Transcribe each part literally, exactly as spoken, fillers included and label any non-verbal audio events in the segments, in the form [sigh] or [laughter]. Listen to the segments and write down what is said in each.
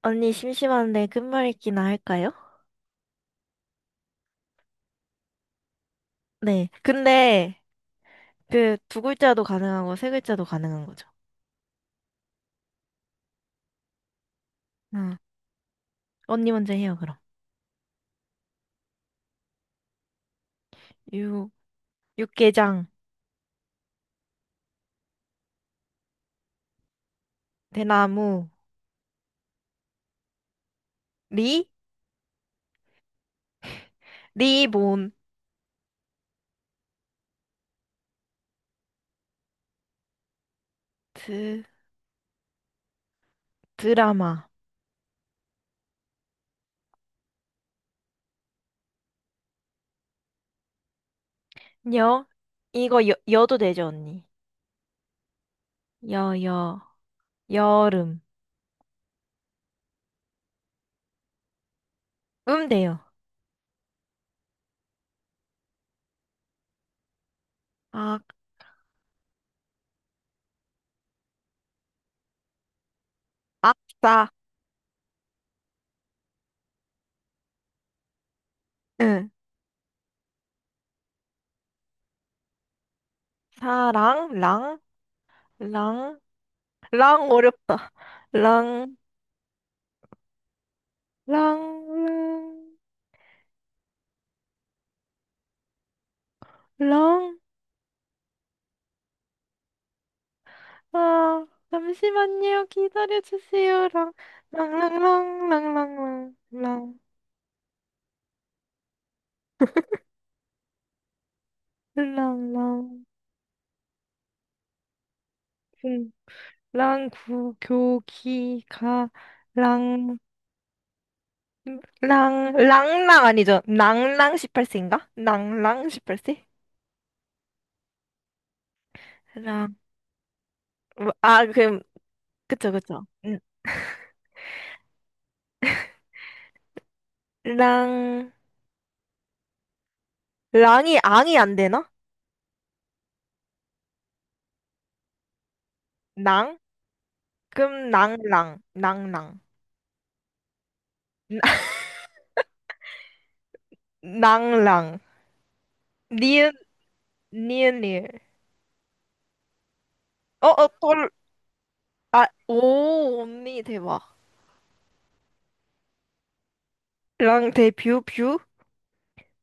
언니 심심한데 끝말잇기나 할까요? 네. 근데 그 두 글자도 가능하고 세 글자도 가능한 거죠. 응. 언니 먼저 해요, 그럼. 육, 육개장, 대나무, 리, 리본, 드, 드라마, 여, 이거 여, 여도 되죠, 언니? 여, 여, 여름, 음 돼요. 악, 악사, 응. 사랑, 랑, 랑, 랑 어렵다. 랑, 랑, 랑. 랑 아, 잠시만요. 기다려주세요. 랑, 랑랑랑, 랑랑랑, 랑, 랑랑, 궁, 랑, 구, 교, 기, 가, 랑, 랑, 랑랑 아니죠? 랑랑 십팔 세인가? 랑랑 십팔 세? 랑, 아, 그, 그쵸, 그쵸. 음, 랑, 랑이, 앙이 안 되나? 랑? 그럼 랑랑, 랑랑, [laughs] 랑랑, 니은, 니은, 니은. 어, 어, 아, 오, 언니 대박. 랑 대뷰 뷰?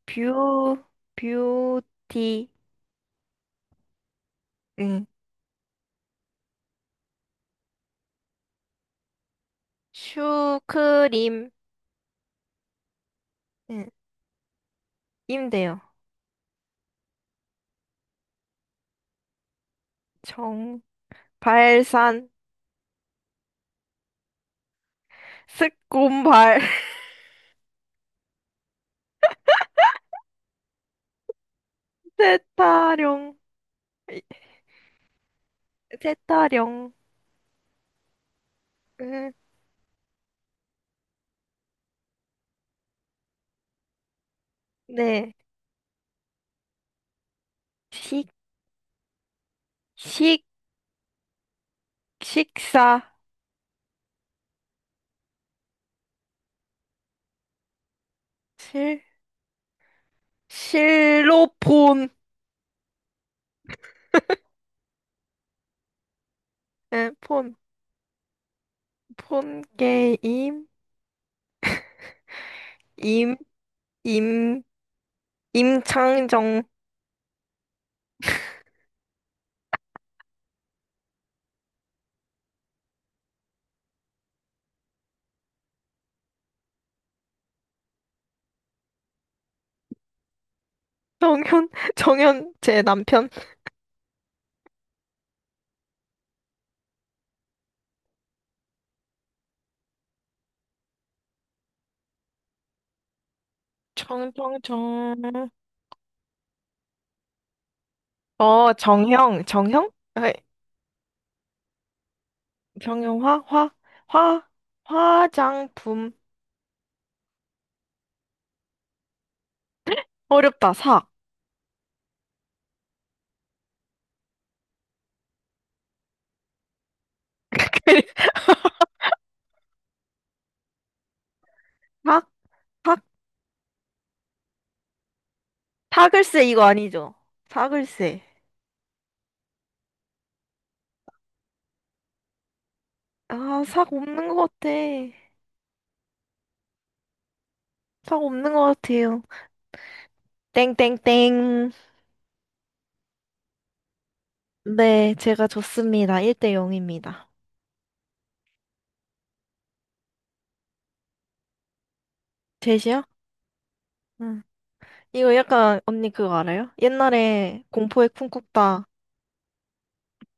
뷰 뷰티 응. 슈크림 응. 임대요. 정 발산 스콘발 [laughs] 세타령 이- 세타령 응. 네. 식 식 식사 실 실로폰 응. 폰폰 게임 임 임 임창정 정현, 정현, 제 남편. 정, 정, 정. 어, 정형, 정형? 아이 정형화? 화? 화? 화장품. 어렵다, 사. [laughs] 사? 사? 사글쎄, 이거 아니죠? 사글쎄. 아, 삭 없는 것 같아. 삭 없는 것 같아요. 땡땡땡. 네, 제가 졌습니다. 일 대 영입니다. 제시요? 응. 이거 약간 언니 그거 알아요? 옛날에 공포의 쿵쿵따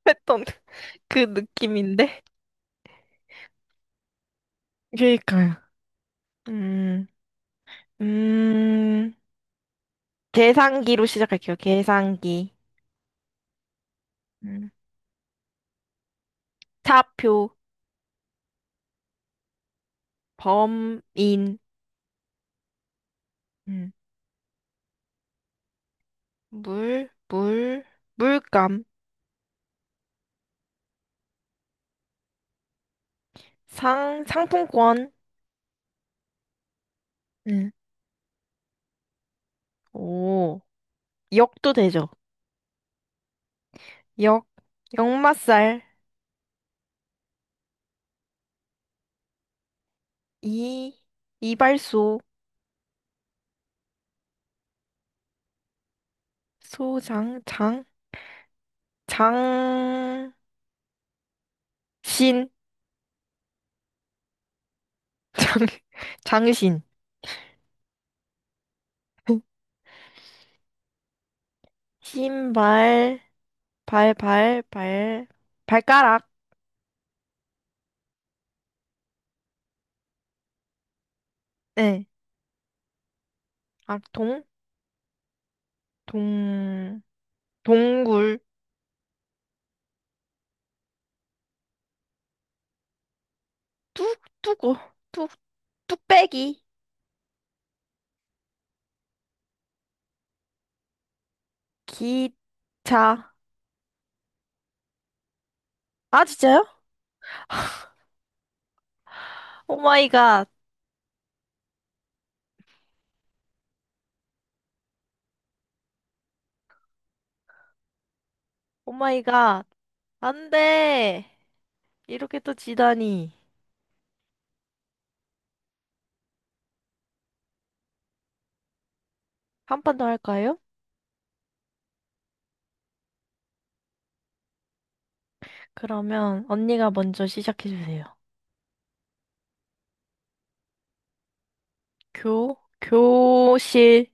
했던 [laughs] 그 느낌인데. 그러니까요. 음, 음, 계산기로 시작할게요. 계산기. 음. 차표, 범인, 음. 물, 물, 물감, 상, 상품권. 음. 오, 역도 되죠. 역, 역마살, 이, 이발소, 소장, 장, 장, 신, [laughs] 장, 장신, 신발, 발, 발, 발, 발가락, 네. 아, 동, 동, 동굴, 뚝, 뚝고, 뚝, 뚝배기, 기차. 아, 진짜요? 오마이갓, 오마이갓. 안 돼. 이렇게 또 지다니. 한 판 더 할까요? 그러면 언니가 먼저 시작해주세요. 교, 교실,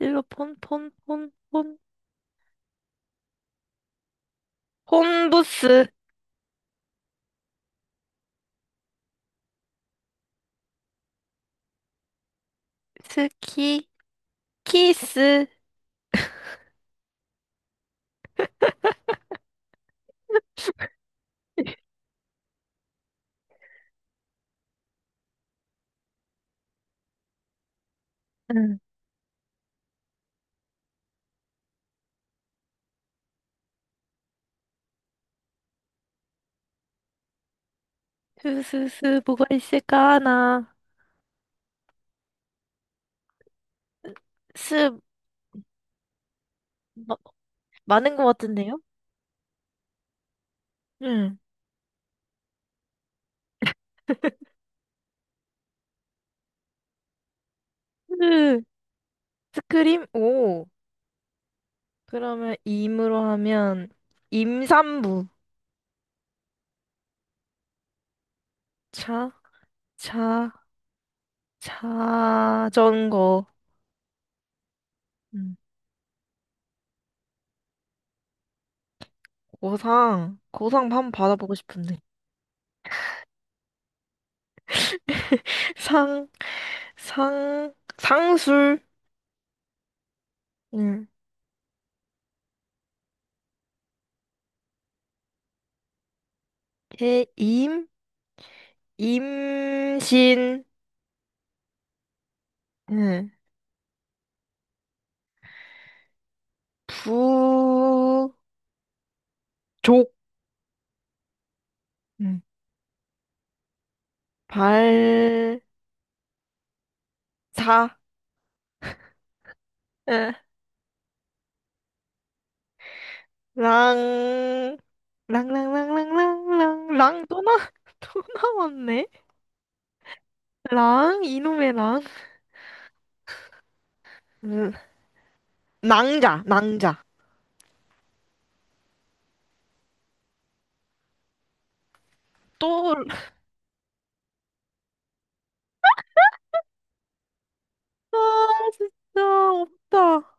일로 폰 폰, 폰, 폰, 폰부스, 스키, 키스. 응. 스스스 뭐가 있을까 하나 스 마, 많은 것 같은데요? 응. 스 스크림 오 그러면 임으로 하면 임산부 차 차 자전거 음. 고상 고상 한번 받아보고 싶은데 [laughs] 상 상 상술 응. 개임 임신 응. 부족 응. 발 사, 예, 랑, 랑랑랑랑랑랑, 랑 랑, 랑, 랑, 랑, 랑, 또 나, [laughs] 또 나왔네? 랑, 이놈의 랑. 음, 낭자, 낭자. 또, 아, 진짜, 없다.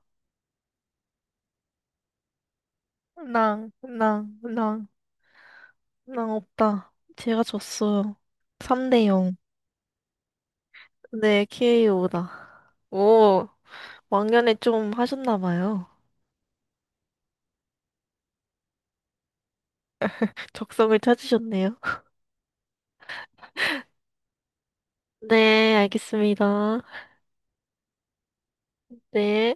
랑, 랑, 랑, 랑 없다. 제가 졌어요. 삼 대 영. 네, 케이오다. 오, 왕년에 좀 하셨나 봐요. 적성을 찾으셨네요. 네, 알겠습니다. 네.